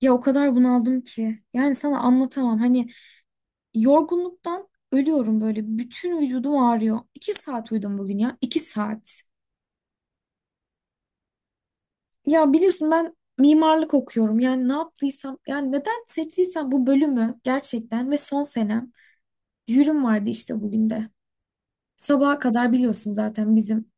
Ya o kadar bunaldım ki. Yani sana anlatamam. Hani yorgunluktan ölüyorum böyle. Bütün vücudum ağrıyor. İki saat uyudum bugün ya. İki saat. Ya biliyorsun ben mimarlık okuyorum. Yani ne yaptıysam, yani neden seçtiysem bu bölümü gerçekten ve son senem jürim vardı işte bugün de. Sabaha kadar biliyorsun zaten bizim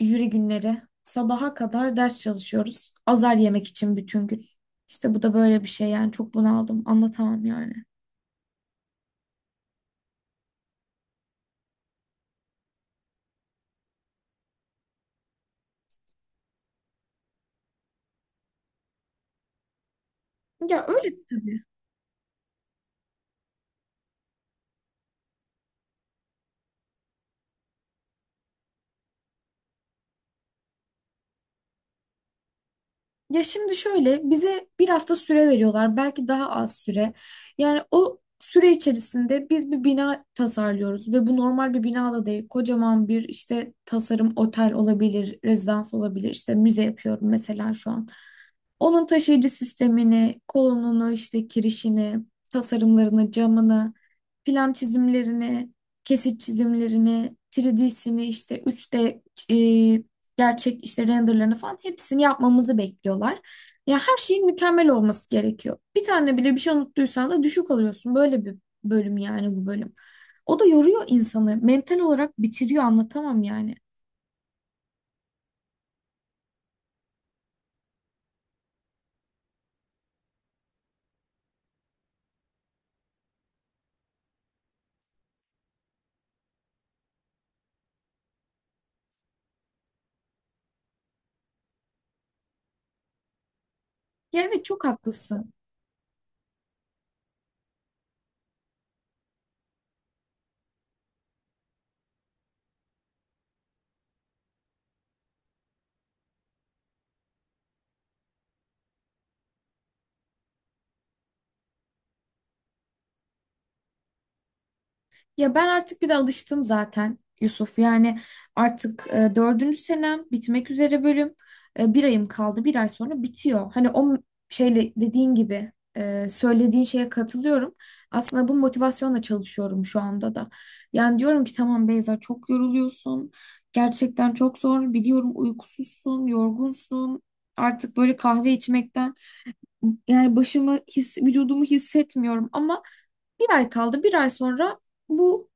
jüri günleri. Sabaha kadar ders çalışıyoruz. Azar yemek için bütün gün. İşte bu da böyle bir şey yani çok bunaldım. Anlatamam yani. Ya öyle. Ya şimdi şöyle bize bir hafta süre veriyorlar belki daha az süre. Yani o süre içerisinde biz bir bina tasarlıyoruz ve bu normal bir bina da değil. Kocaman bir işte tasarım otel olabilir, rezidans olabilir, işte müze yapıyorum mesela şu an. Onun taşıyıcı sistemini, kolonunu, işte kirişini, tasarımlarını, camını, plan çizimlerini, kesit çizimlerini, 3D'sini, işte 3D gerçek işte renderlarını falan hepsini yapmamızı bekliyorlar. Ya her şeyin mükemmel olması gerekiyor. Bir tane bile bir şey unuttuysan da düşük alıyorsun. Böyle bir bölüm yani bu bölüm. O da yoruyor insanı. Mental olarak bitiriyor anlatamam yani. Ya evet çok haklısın. Ya ben artık bir de alıştım zaten Yusuf. Yani artık dördüncü senem bitmek üzere bölüm. Bir ayım kaldı. Bir ay sonra bitiyor. Şeyle dediğin gibi söylediğin şeye katılıyorum. Aslında bu motivasyonla çalışıyorum şu anda da. Yani diyorum ki tamam Beyza çok yoruluyorsun. Gerçekten çok zor. Biliyorum uykusuzsun, yorgunsun. Artık böyle kahve içmekten yani vücudumu hissetmiyorum ama bir ay kaldı. Bir ay sonra bu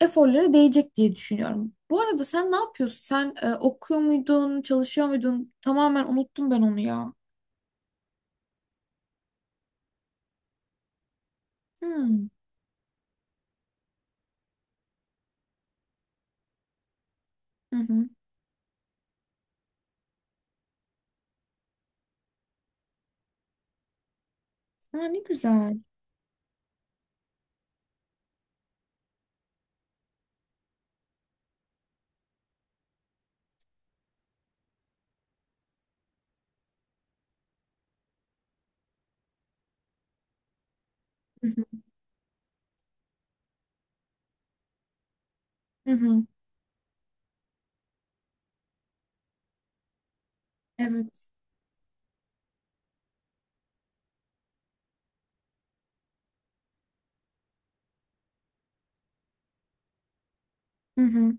eforlara değecek diye düşünüyorum. Bu arada sen ne yapıyorsun? Sen okuyor muydun, çalışıyor muydun? Tamamen unuttum ben onu ya. Hmm. Hı hı. Ha, ne güzel. Hı hı. Hı hı. Evet. Hı hı.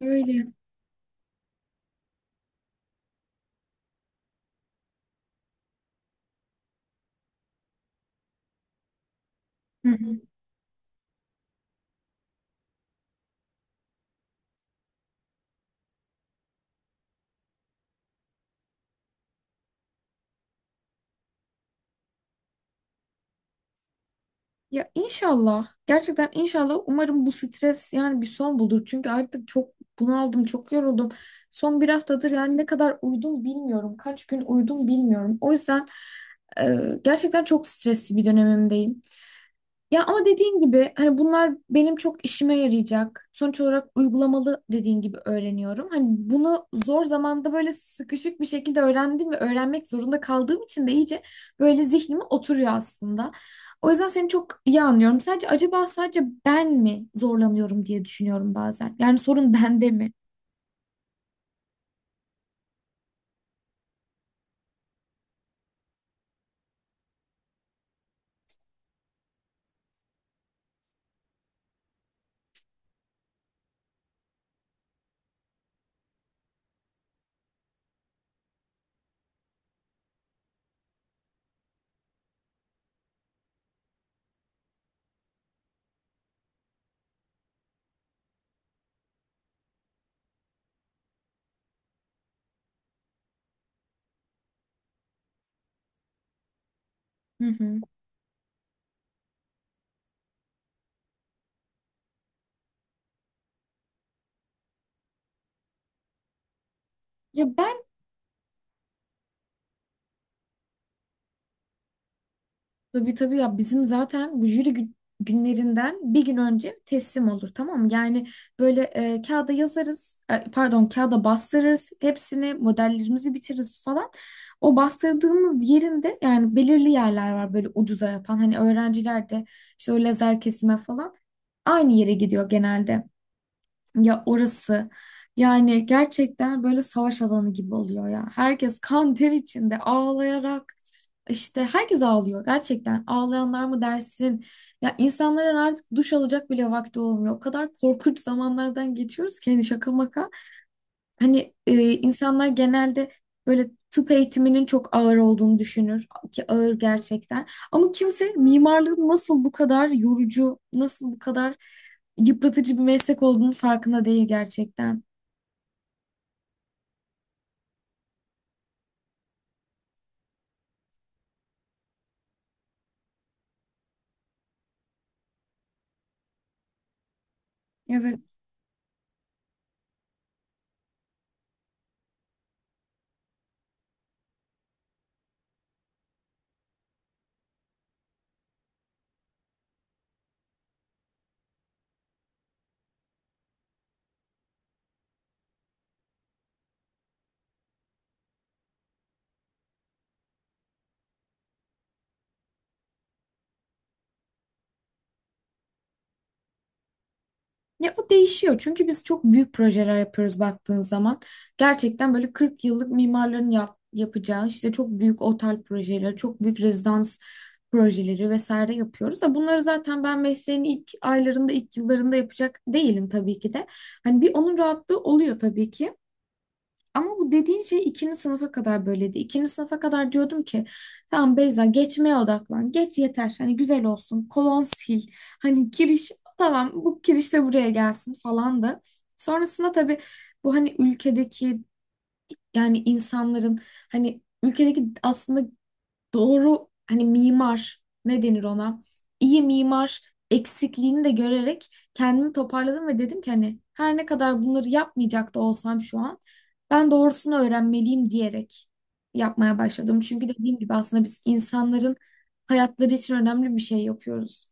Öyle. Hı hı. Ya inşallah. Gerçekten inşallah. Umarım bu stres yani bir son bulur. Çünkü artık çok bunaldım, çok yoruldum. Son bir haftadır yani ne kadar uyudum bilmiyorum. Kaç gün uyudum bilmiyorum. O yüzden gerçekten çok stresli bir dönemimdeyim. Ya ama dediğin gibi hani bunlar benim çok işime yarayacak. Sonuç olarak uygulamalı dediğin gibi öğreniyorum. Hani bunu zor zamanda böyle sıkışık bir şekilde öğrendim ve öğrenmek zorunda kaldığım için de iyice böyle zihnime oturuyor aslında. O yüzden seni çok iyi anlıyorum. Sadece acaba sadece ben mi zorlanıyorum diye düşünüyorum bazen. Yani sorun bende mi? Hı hı. Ya ben. Tabii, tabii, ya bizim zaten günlerinden bir gün önce teslim olur tamam mı? Yani böyle kağıda yazarız, pardon, kağıda bastırırız hepsini, modellerimizi bitiririz falan. O bastırdığımız yerinde yani belirli yerler var böyle ucuza yapan hani öğrenciler de işte o lazer kesime falan aynı yere gidiyor genelde. Ya orası yani gerçekten böyle savaş alanı gibi oluyor ya. Herkes kan ter içinde ağlayarak işte herkes ağlıyor gerçekten. Ağlayanlar mı dersin? Ya insanların artık duş alacak bile vakti olmuyor. O kadar korkunç zamanlardan geçiyoruz ki hani şaka maka. Hani insanlar genelde böyle tıp eğitiminin çok ağır olduğunu düşünür ki ağır gerçekten. Ama kimse mimarlığın nasıl bu kadar yorucu, nasıl bu kadar yıpratıcı bir meslek olduğunu farkında değil gerçekten. Evet. Ya o değişiyor çünkü biz çok büyük projeler yapıyoruz baktığın zaman. Gerçekten böyle 40 yıllık mimarların yapacağı işte çok büyük otel projeleri, çok büyük rezidans projeleri vesaire yapıyoruz. Ha, bunları zaten ben mesleğin ilk aylarında, ilk yıllarında yapacak değilim tabii ki de. Hani bir onun rahatlığı oluyor tabii ki. Ama bu dediğin şey ikinci sınıfa kadar böyleydi. İkinci sınıfa kadar diyordum ki tamam Beyza geçmeye odaklan. Geç yeter. Hani güzel olsun. Kolon sil. Hani giriş tamam bu kiriş de buraya gelsin falan da. Sonrasında tabii bu hani ülkedeki yani insanların hani ülkedeki aslında doğru hani mimar ne denir ona? İyi mimar eksikliğini de görerek kendimi toparladım ve dedim ki hani her ne kadar bunları yapmayacak da olsam şu an ben doğrusunu öğrenmeliyim diyerek yapmaya başladım. Çünkü dediğim gibi aslında biz insanların hayatları için önemli bir şey yapıyoruz.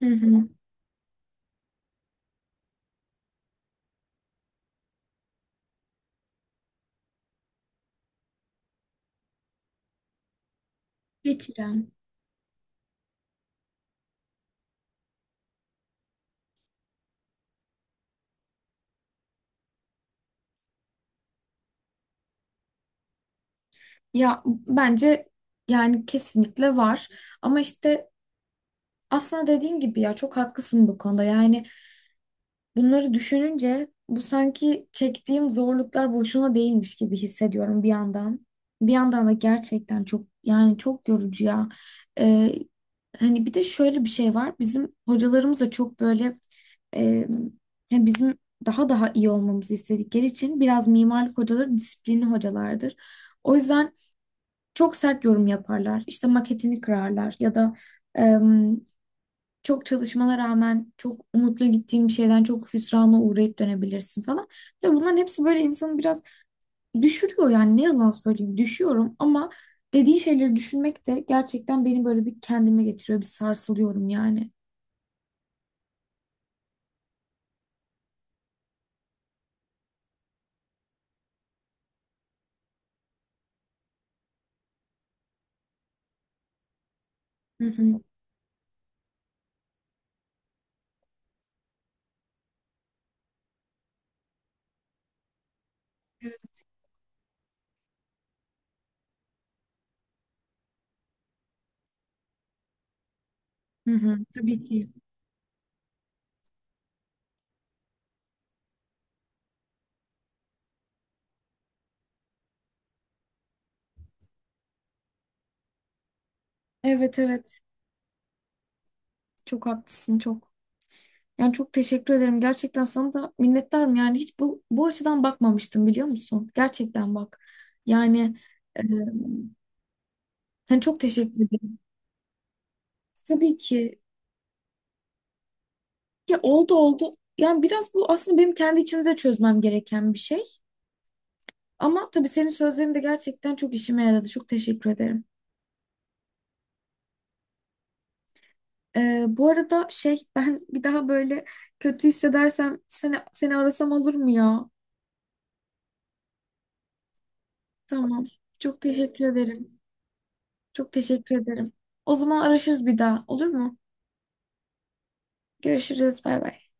Hı hı. Hiç İrem. Ya bence yani kesinlikle var. Ama işte aslında dediğin gibi ya çok haklısın bu konuda. Yani bunları düşününce bu sanki çektiğim zorluklar boşuna değilmiş gibi hissediyorum bir yandan. Bir yandan da gerçekten çok yani çok yorucu ya. Ee, Hani bir de şöyle bir şey var. Bizim hocalarımız da çok böyle e, yani bizim daha iyi olmamızı istedikleri için biraz mimarlık hocaları disiplinli hocalardır. O yüzden çok sert yorum yaparlar. İşte maketini kırarlar ya da çok çalışmana rağmen çok umutlu gittiğin bir şeyden çok hüsrana uğrayıp dönebilirsin falan. Tabii bunların hepsi böyle insanı biraz düşürüyor yani ne yalan söyleyeyim düşüyorum ama dediğin şeyleri düşünmek de gerçekten beni böyle bir kendime getiriyor, bir sarsılıyorum yani. Hı hı. Evet. Hı hı. Tabii ki. Evet, evet, çok haklısın çok. Yani çok teşekkür ederim. Gerçekten sana da minnettarım. Yani hiç bu açıdan bakmamıştım biliyor musun? Gerçekten bak. Yani e, sen çok teşekkür ederim. Tabii ki. Ya oldu, oldu. Yani biraz bu aslında benim kendi içimde de çözmem gereken bir şey. Ama tabii senin sözlerin de gerçekten çok işime yaradı. Çok teşekkür ederim. Bu arada şey ben bir daha böyle kötü hissedersem seni arasam olur mu ya? Tamam. Çok teşekkür ederim. Çok teşekkür ederim. O zaman araşırız bir daha olur mu? Görüşürüz. Bay bay.